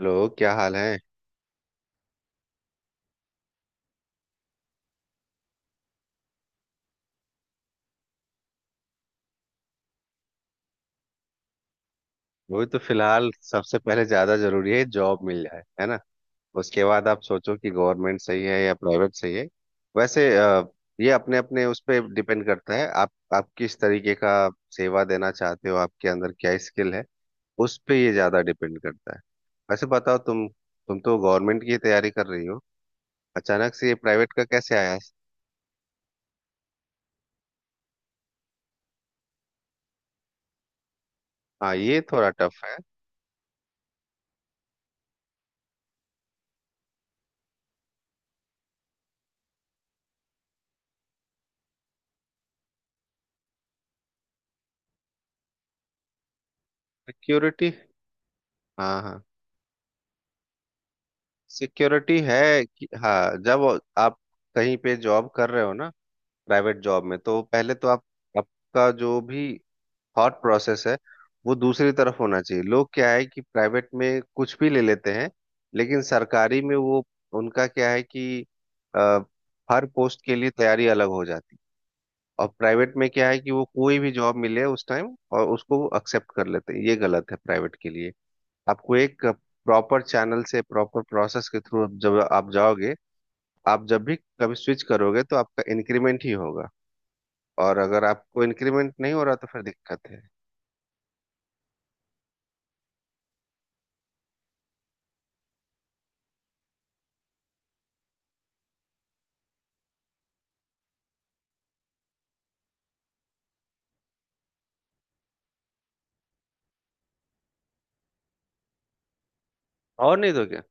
लोग क्या हाल है। वही तो फिलहाल सबसे पहले ज्यादा जरूरी है जॉब मिल जाए, है ना। उसके बाद आप सोचो कि गवर्नमेंट सही है या प्राइवेट सही है। वैसे ये अपने अपने उस पर डिपेंड करता है, आप किस तरीके का सेवा देना चाहते हो, आपके अंदर क्या स्किल है। उस पे ये ज्यादा डिपेंड करता है। वैसे बताओ, तुम तो गवर्नमेंट की तैयारी कर रही हो, अचानक से ये प्राइवेट का कैसे आया। हाँ ये थोड़ा टफ है। सिक्योरिटी। हाँ हाँ। सिक्योरिटी है कि हाँ, जब आप कहीं पे जॉब कर रहे हो ना, प्राइवेट जॉब में तो पहले तो आप, आपका जो भी थॉट प्रोसेस है वो दूसरी तरफ होना चाहिए। लोग क्या है कि प्राइवेट में कुछ भी ले लेते हैं, लेकिन सरकारी में वो, उनका क्या है कि अ, हर पोस्ट के लिए तैयारी अलग हो जाती है। और प्राइवेट में क्या है कि वो कोई भी जॉब मिले उस टाइम, और उसको एक्सेप्ट कर लेते हैं, ये गलत है प्राइवेट के लिए। आपको एक प्रॉपर चैनल से, प्रॉपर प्रोसेस के थ्रू जब आप जाओगे, आप जब भी कभी स्विच करोगे तो आपका इंक्रीमेंट ही होगा। और अगर आपको इंक्रीमेंट नहीं हो रहा, तो फिर दिक्कत है। और नहीं तो क्या।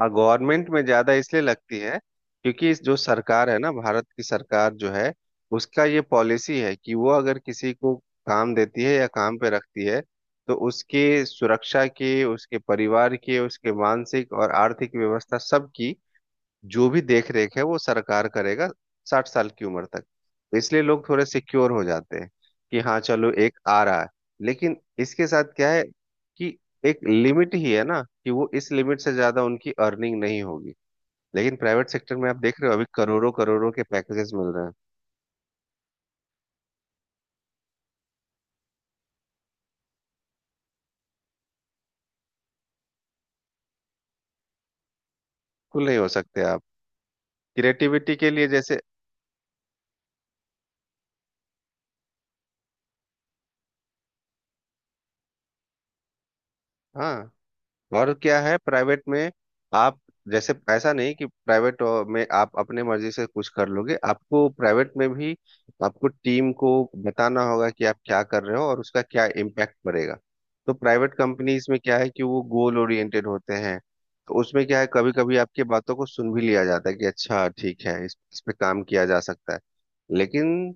हाँ गवर्नमेंट में ज्यादा इसलिए लगती है, क्योंकि इस जो सरकार है ना, भारत की सरकार जो है, उसका ये पॉलिसी है कि वो अगर किसी को काम देती है या काम पे रखती है, तो उसके सुरक्षा के, उसके परिवार के, उसके मानसिक और आर्थिक व्यवस्था सबकी जो भी देख रेख है वो सरकार करेगा, 60 साल की उम्र तक। तो इसलिए लोग थोड़े सिक्योर हो जाते हैं कि हाँ चलो एक आ रहा है। लेकिन इसके साथ क्या है कि एक लिमिट ही है ना, कि वो इस लिमिट से ज्यादा उनकी अर्निंग नहीं होगी। लेकिन प्राइवेट सेक्टर में आप देख रहे हो, अभी करोड़ों करोड़ों के पैकेजेस मिल रहे हैं। कुल नहीं हो सकते आप, क्रिएटिविटी के लिए जैसे। हाँ, और क्या है प्राइवेट में, आप जैसे ऐसा नहीं कि प्राइवेट में आप अपने मर्जी से कुछ कर लोगे। आपको प्राइवेट में भी, आपको टीम को बताना होगा कि आप क्या कर रहे हो और उसका क्या इम्पैक्ट पड़ेगा। तो प्राइवेट कंपनीज में क्या है कि वो गोल ओरिएंटेड होते हैं। तो उसमें क्या है, कभी कभी आपकी बातों को सुन भी लिया जाता है कि अच्छा ठीक है, इस पे काम किया जा सकता है। लेकिन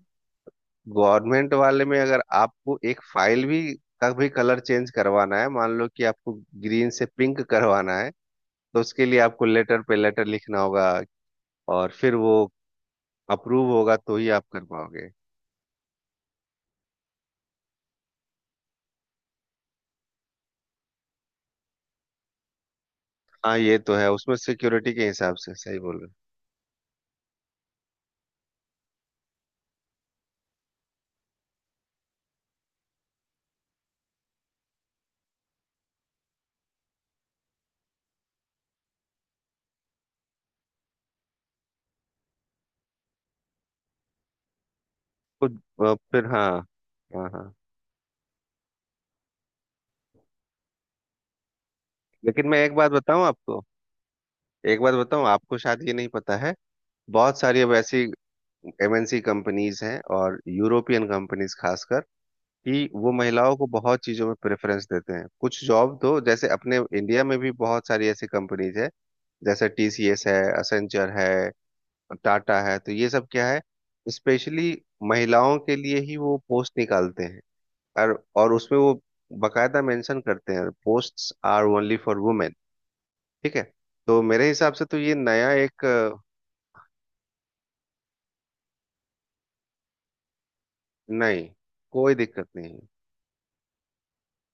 गवर्नमेंट वाले में अगर आपको एक फाइल भी का भी कलर चेंज करवाना है, मान लो कि आपको ग्रीन से पिंक करवाना है, तो उसके लिए आपको लेटर पे लेटर लिखना होगा। और फिर वो अप्रूव होगा तो ही आप कर पाओगे। हाँ ये तो है, उसमें सिक्योरिटी के हिसाब से सही बोल रहे हो। तो, फिर हाँ। हाँ हाँ, लेकिन मैं एक बात बताऊं आपको, एक बात बताऊं आपको, शायद ये नहीं पता है। बहुत सारी अब ऐसी एमएनसी कंपनीज हैं और यूरोपियन कंपनीज खासकर, कि वो महिलाओं को बहुत चीजों में प्रेफरेंस देते हैं। कुछ जॉब तो जैसे अपने इंडिया में भी बहुत सारी ऐसी कंपनीज है, जैसे टीसीएस है, असेंचर है, टाटा है। तो ये सब क्या है, स्पेशली महिलाओं के लिए ही वो पोस्ट निकालते हैं। और उसमें वो बकायदा मेंशन करते हैं, posts are only for women. ठीक है। तो मेरे हिसाब से तो ये नया एक नहीं, कोई दिक्कत नहीं।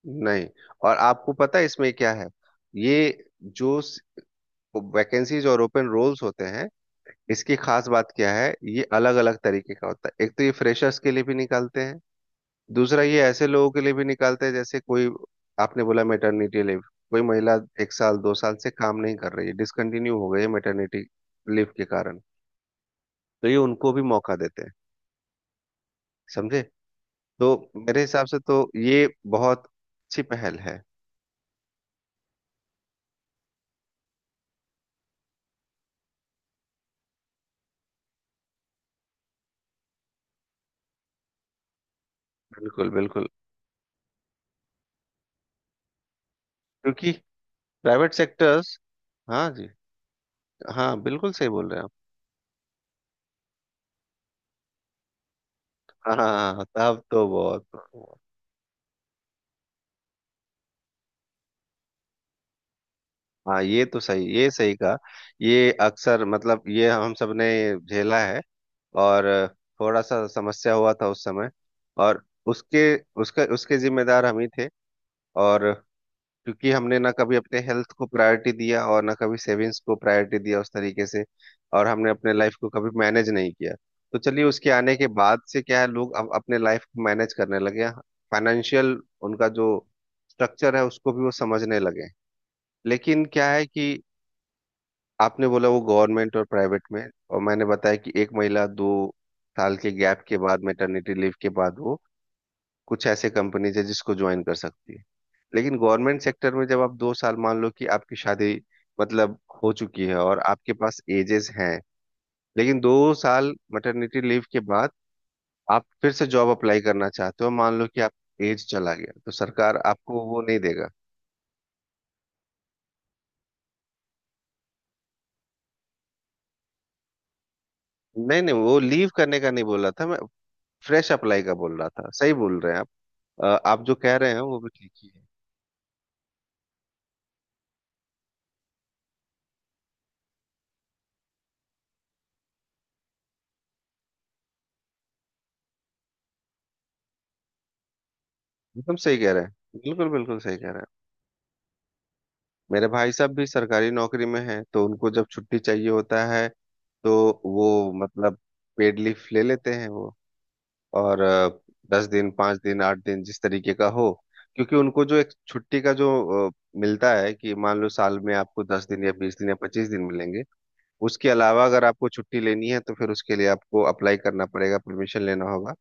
नहीं। और आपको पता है इसमें क्या है, ये जो वैकेंसीज और ओपन रोल्स होते हैं, इसकी खास बात क्या है, ये अलग अलग तरीके का होता है। एक तो ये फ्रेशर्स के लिए भी निकालते हैं, दूसरा ये ऐसे लोगों के लिए भी निकालते हैं जैसे कोई, आपने बोला मेटर्निटी लीव, कोई महिला एक साल दो साल से काम नहीं कर रही है, डिसकंटिन्यू हो गई है मेटर्निटी लीव के कारण, तो ये उनको भी मौका देते हैं। समझे। तो मेरे हिसाब से तो ये बहुत अच्छी पहल है। बिल्कुल बिल्कुल, क्योंकि प्राइवेट सेक्टर्स, हाँ जी। हाँ बिल्कुल सही बोल रहे हैं आप। हाँ तब तो बहुत बहुत। हाँ ये तो सही, ये सही कहा। ये अक्सर मतलब ये हम सब ने झेला है। और थोड़ा सा समस्या हुआ था उस समय। और उसके, उसका, उसके जिम्मेदार हम ही थे। और क्योंकि हमने ना कभी अपने हेल्थ को प्रायोरिटी दिया और ना कभी सेविंग्स को प्रायोरिटी दिया उस तरीके से। और हमने अपने लाइफ को कभी मैनेज नहीं किया। तो चलिए उसके आने के बाद से क्या है, लोग अब अपने लाइफ को मैनेज करने लगे। फाइनेंशियल उनका जो स्ट्रक्चर है उसको भी वो समझने लगे। लेकिन क्या है कि आपने बोला वो गवर्नमेंट और प्राइवेट में, और मैंने बताया कि एक महिला 2 साल के गैप के बाद, मेटर्निटी लीव के बाद, वो कुछ ऐसे कंपनीज है जिसको ज्वाइन कर सकती है। लेकिन गवर्नमेंट सेक्टर में जब आप 2 साल, मान लो कि आपकी शादी मतलब हो चुकी है और आपके पास एजेस हैं, लेकिन 2 साल मैटरनिटी लीव के बाद आप फिर से जॉब अप्लाई करना चाहते हो, मान लो कि आप एज चला गया तो सरकार आपको वो नहीं देगा। नहीं नहीं, वो लीव करने का नहीं बोल रहा था मैं, फ्रेश अप्लाई का बोल रहा था। सही बोल रहे हैं आप। आप जो कह रहे हैं वो भी ठीक ही है। एकदम सही कह रहे हैं, बिल्कुल बिल्कुल सही कह रहे हैं। मेरे भाई साहब भी सरकारी नौकरी में हैं, तो उनको जब छुट्टी चाहिए होता है तो वो मतलब पेड लीफ ले लेते हैं वो। और 10 दिन, 5 दिन, 8 दिन, जिस तरीके का हो। क्योंकि उनको जो एक छुट्टी का जो अ, मिलता है कि मान लो साल में आपको 10 दिन या 20 दिन या 25 दिन मिलेंगे। उसके अलावा अगर आपको छुट्टी लेनी है तो फिर उसके लिए आपको अप्लाई करना पड़ेगा, परमिशन लेना होगा।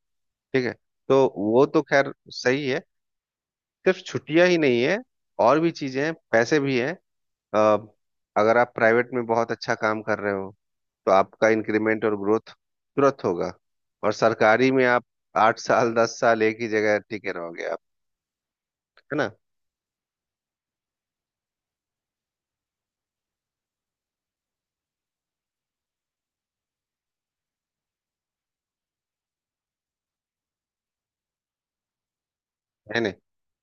ठीक है, तो वो तो खैर सही है। सिर्फ छुट्टियां ही नहीं है, और भी चीजें हैं, पैसे भी हैं। अ, अगर आप प्राइवेट में बहुत अच्छा काम कर रहे हो, तो आपका इंक्रीमेंट और ग्रोथ तुरंत होगा। और सरकारी में आप 8 साल 10 साल एक ही जगह टिके रहोगे आप, है ना। है नहीं,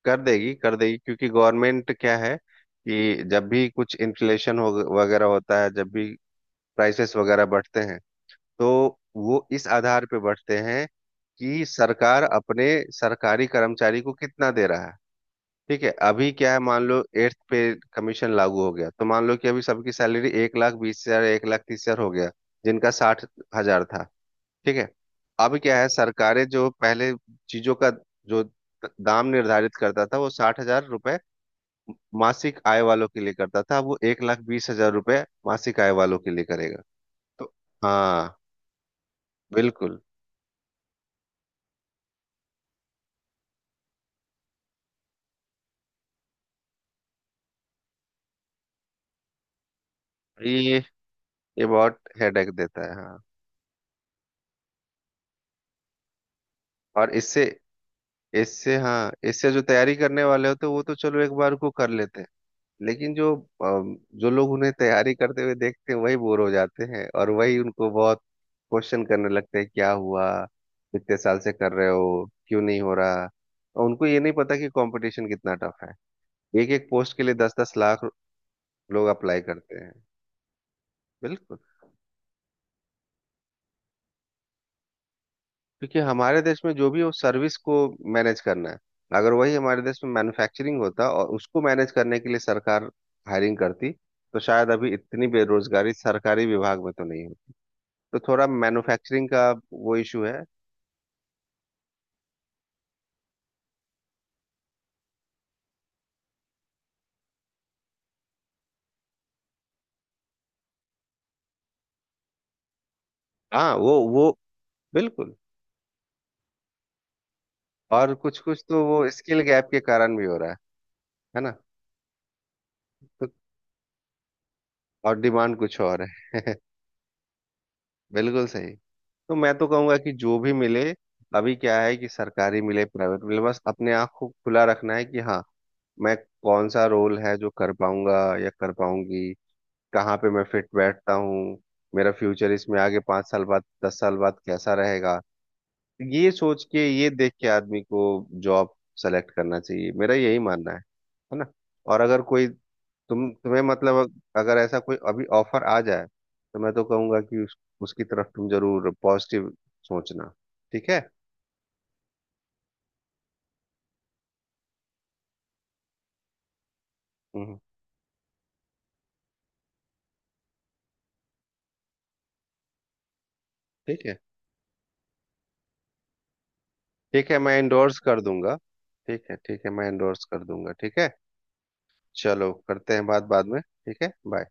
कर देगी कर देगी, क्योंकि गवर्नमेंट क्या है कि जब भी कुछ इन्फ्लेशन हो वगैरह होता है, जब भी प्राइसेस वगैरह बढ़ते हैं, तो वो इस आधार पे बढ़ते हैं कि सरकार अपने सरकारी कर्मचारी को कितना दे रहा है। ठीक है, अभी क्या है, मान लो 8th पे कमीशन लागू हो गया, तो मान लो कि अभी सबकी सैलरी 1,20,000, 1,30,000 हो गया, जिनका 60,000 था। ठीक है, अब क्या है, सरकारें जो पहले चीजों का जो दाम निर्धारित करता था, वो ₹60,000 मासिक आय वालों के लिए करता था, अब वो ₹1,20,000 मासिक आय वालों के लिए करेगा। तो हाँ, बिल्कुल। ये ये बहुत हेडेक देता है, हाँ। और इससे, इससे, हाँ, इससे जो तैयारी करने वाले होते हैं वो तो चलो एक बार को कर लेते हैं। लेकिन जो जो लोग उन्हें तैयारी करते हुए देखते हैं वही बोर हो जाते हैं, और वही उनको बहुत क्वेश्चन करने लगते हैं क्या हुआ, कितने साल से कर रहे हो, क्यों नहीं हो रहा। और उनको ये नहीं पता कि कंपटीशन कितना टफ है, एक एक पोस्ट के लिए 10-10 लाख लोग अप्लाई करते हैं। बिल्कुल, क्योंकि हमारे देश में जो भी हो सर्विस को मैनेज करना है। अगर वही हमारे देश में मैन्युफैक्चरिंग होता, और उसको मैनेज करने के लिए सरकार हायरिंग करती, तो शायद अभी इतनी बेरोजगारी सरकारी विभाग में तो नहीं होती। तो थोड़ा मैन्युफैक्चरिंग का वो इशू है। हाँ वो, बिल्कुल। और कुछ कुछ तो वो स्किल गैप के कारण भी हो रहा है ना। तो, और डिमांड कुछ और है। बिल्कुल सही। तो मैं तो कहूंगा कि जो भी मिले, अभी क्या है कि सरकारी मिले प्राइवेट मिले, बस अपने आँख को खुला रखना है कि हाँ, मैं कौन सा रोल है जो कर पाऊंगा या कर पाऊंगी, कहाँ पे मैं फिट बैठता हूँ, मेरा फ्यूचर इसमें आगे 5 साल बाद 10 साल बाद कैसा रहेगा। ये सोच के, ये देख के आदमी को जॉब सेलेक्ट करना चाहिए, मेरा यही मानना है ना। और अगर कोई, तुम्हें मतलब अगर ऐसा कोई अभी ऑफर आ जाए, तो मैं तो कहूंगा कि उसकी तरफ तुम जरूर पॉजिटिव सोचना। ठीक है। हम्म। ठीक है, ठीक है, मैं इंडोर्स कर दूंगा। ठीक है, ठीक है, मैं इंडोर्स कर दूंगा। ठीक है। चलो करते हैं बात बाद में, ठीक है, बाय।